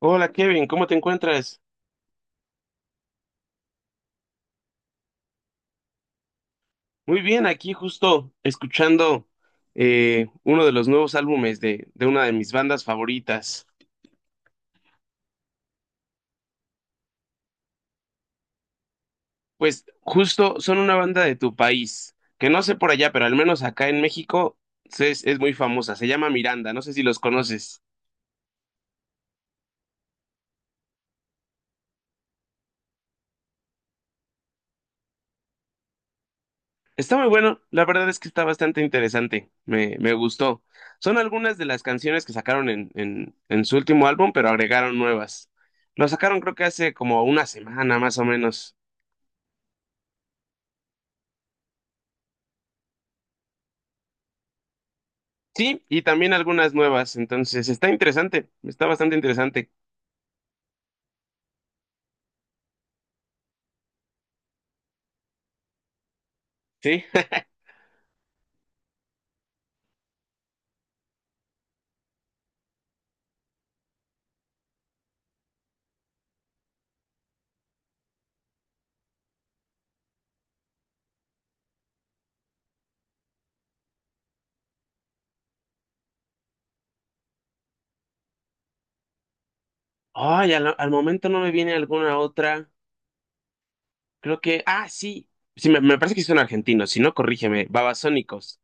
Hola Kevin, ¿cómo te encuentras? Muy bien, aquí justo escuchando uno de los nuevos álbumes de una de mis bandas favoritas. Pues justo son una banda de tu país, que no sé por allá, pero al menos acá en México es muy famosa, se llama Miranda, no sé si los conoces. Está muy bueno, la verdad es que está bastante interesante, me gustó. Son algunas de las canciones que sacaron en su último álbum, pero agregaron nuevas. Lo sacaron creo que hace como una semana más o menos. Sí, y también algunas nuevas. Entonces, está interesante, está bastante interesante. Sí. Ay, al momento no me viene alguna otra. Creo que. Ah, sí. Sí, me parece que son argentinos. Si no, corrígeme. Babasónicos.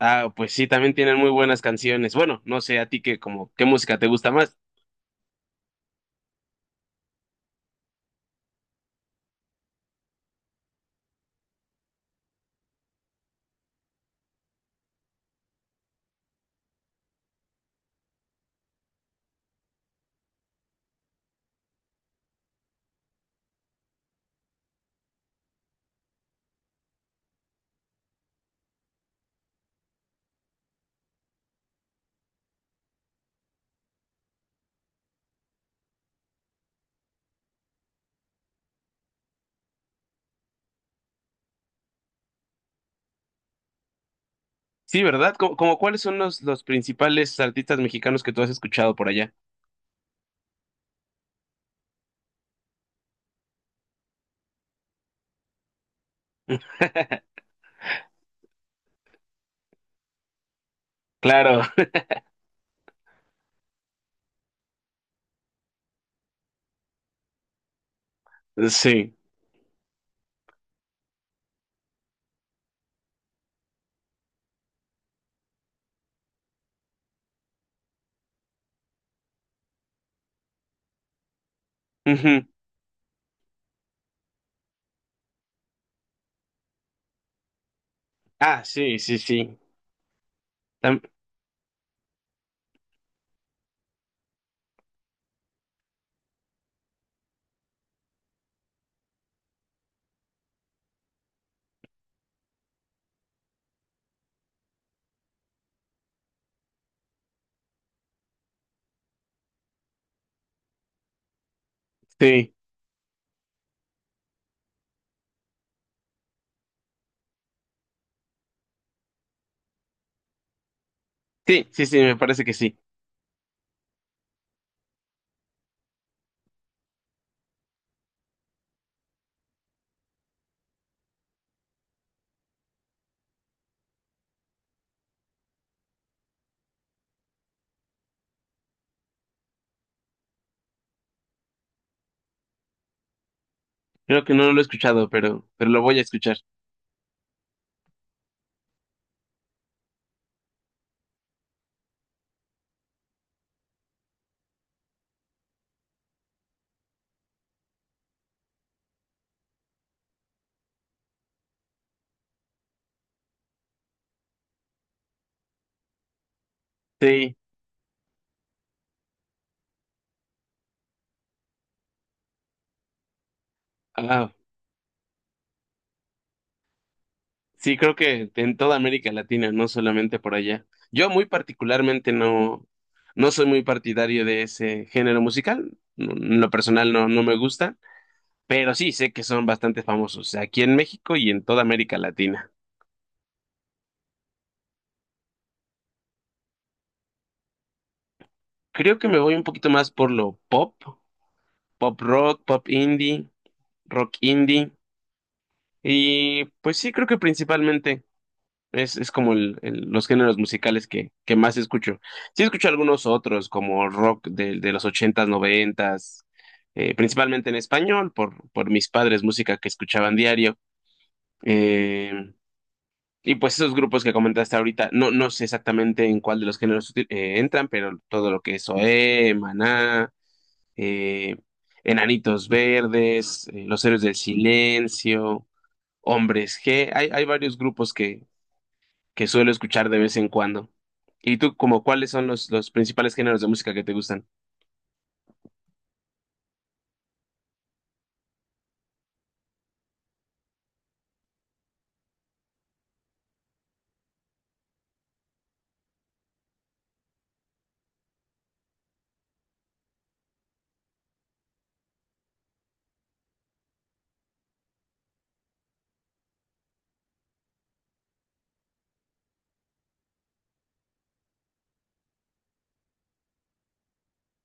Ah, pues sí, también tienen muy buenas canciones. Bueno, no sé, a ti que como, ¿qué música te gusta más? Sí, ¿verdad? Como cuáles son los principales artistas mexicanos que tú has escuchado por allá? Claro, sí. Ujú. Ah, sí, sí, sí. Tam- sí, sí, sí, sí, me parece que sí. Creo que no lo he escuchado, pero lo voy a escuchar. Sí, ah, sí, creo que en toda América Latina, no solamente por allá. Yo muy particularmente no soy muy partidario de ese género musical. En lo personal no me gusta, pero sí sé que son bastante famosos aquí en México y en toda América Latina. Creo que me voy un poquito más por lo pop, pop rock, pop indie, rock indie. Y pues sí, creo que principalmente. Es como los géneros musicales que más escucho. Sí escucho algunos otros, como rock de los ochentas, noventas, principalmente en español, por mis padres, música que escuchaban diario. Eh, y pues esos grupos que comentaste ahorita, no sé exactamente en cuál de los géneros entran, pero todo lo que es OE, Maná, eh, Enanitos Verdes, Los Héroes del Silencio, Hombres G, hay varios grupos que suelo escuchar de vez en cuando. ¿Y tú, como cuáles son los principales géneros de música que te gustan?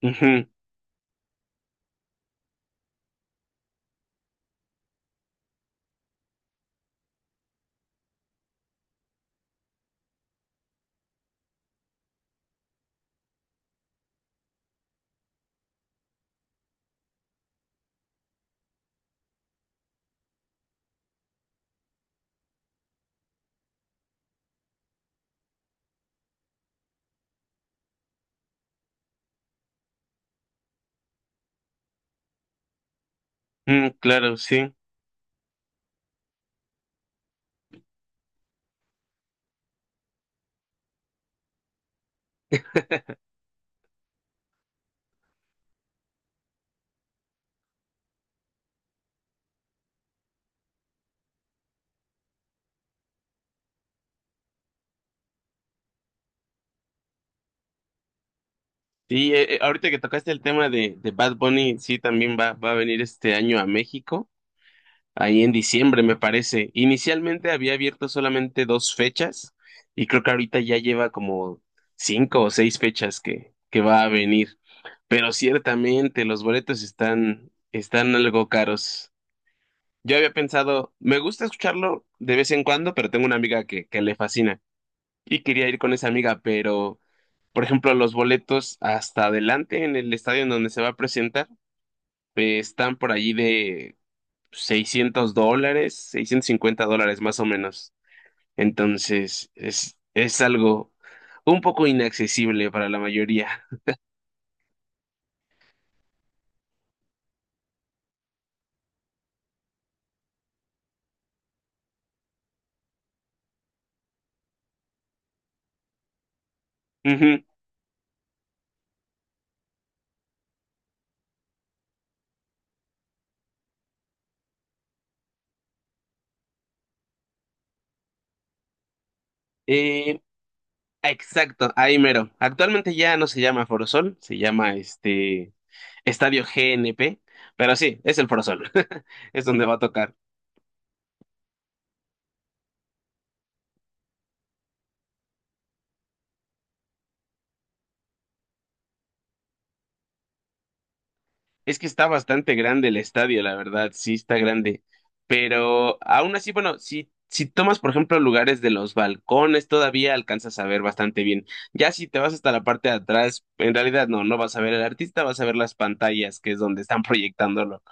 Ujú, mm, claro, sí. Y ahorita que tocaste el tema de Bad Bunny, sí, también va a venir este año a México, ahí en diciembre, me parece. Inicialmente había abierto solamente dos fechas y creo que ahorita ya lleva como cinco o seis fechas que va a venir. Pero ciertamente los boletos están algo caros. Yo había pensado, me gusta escucharlo de vez en cuando, pero tengo una amiga que le fascina y quería ir con esa amiga, pero, por ejemplo, los boletos hasta adelante en el estadio en donde se va a presentar están por allí de $600, $650 más o menos. Entonces, es algo un poco inaccesible para la mayoría. Ujú. Eh, exacto, ahí mero. Actualmente ya no se llama Forosol, se llama Estadio GNP, pero sí, es el Forosol, es donde va a tocar. Es que está bastante grande el estadio, la verdad, sí está grande, pero aún así, bueno, si tomas, por ejemplo, lugares de los balcones, todavía alcanzas a ver bastante bien. Ya si te vas hasta la parte de atrás, en realidad no vas a ver al artista, vas a ver las pantallas, que es donde están proyectándolo,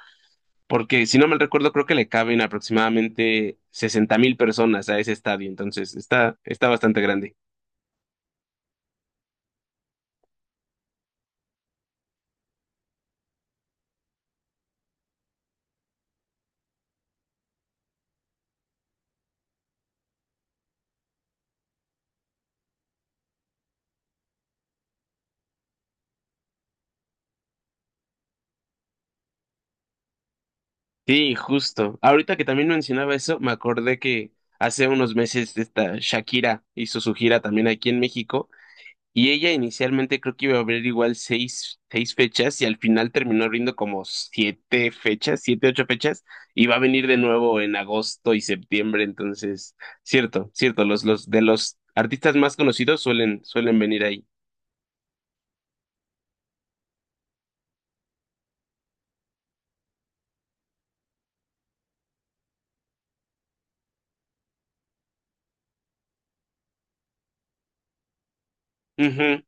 porque si no mal recuerdo, creo que le caben aproximadamente 60,000 personas a ese estadio, entonces está bastante grande. Sí, justo. Ahorita que también mencionaba eso, me acordé que hace unos meses esta Shakira hizo su gira también aquí en México y ella inicialmente creo que iba a abrir igual seis fechas y al final terminó abriendo como siete fechas, siete, ocho fechas y va a venir de nuevo en agosto y septiembre. Entonces, cierto, cierto, los de los artistas más conocidos suelen venir ahí. Ujú,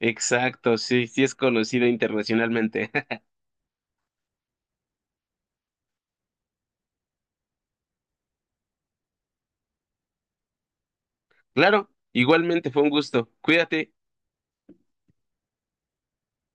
exacto, sí, sí es conocido internacionalmente. Claro, igualmente fue un gusto. Cuídate.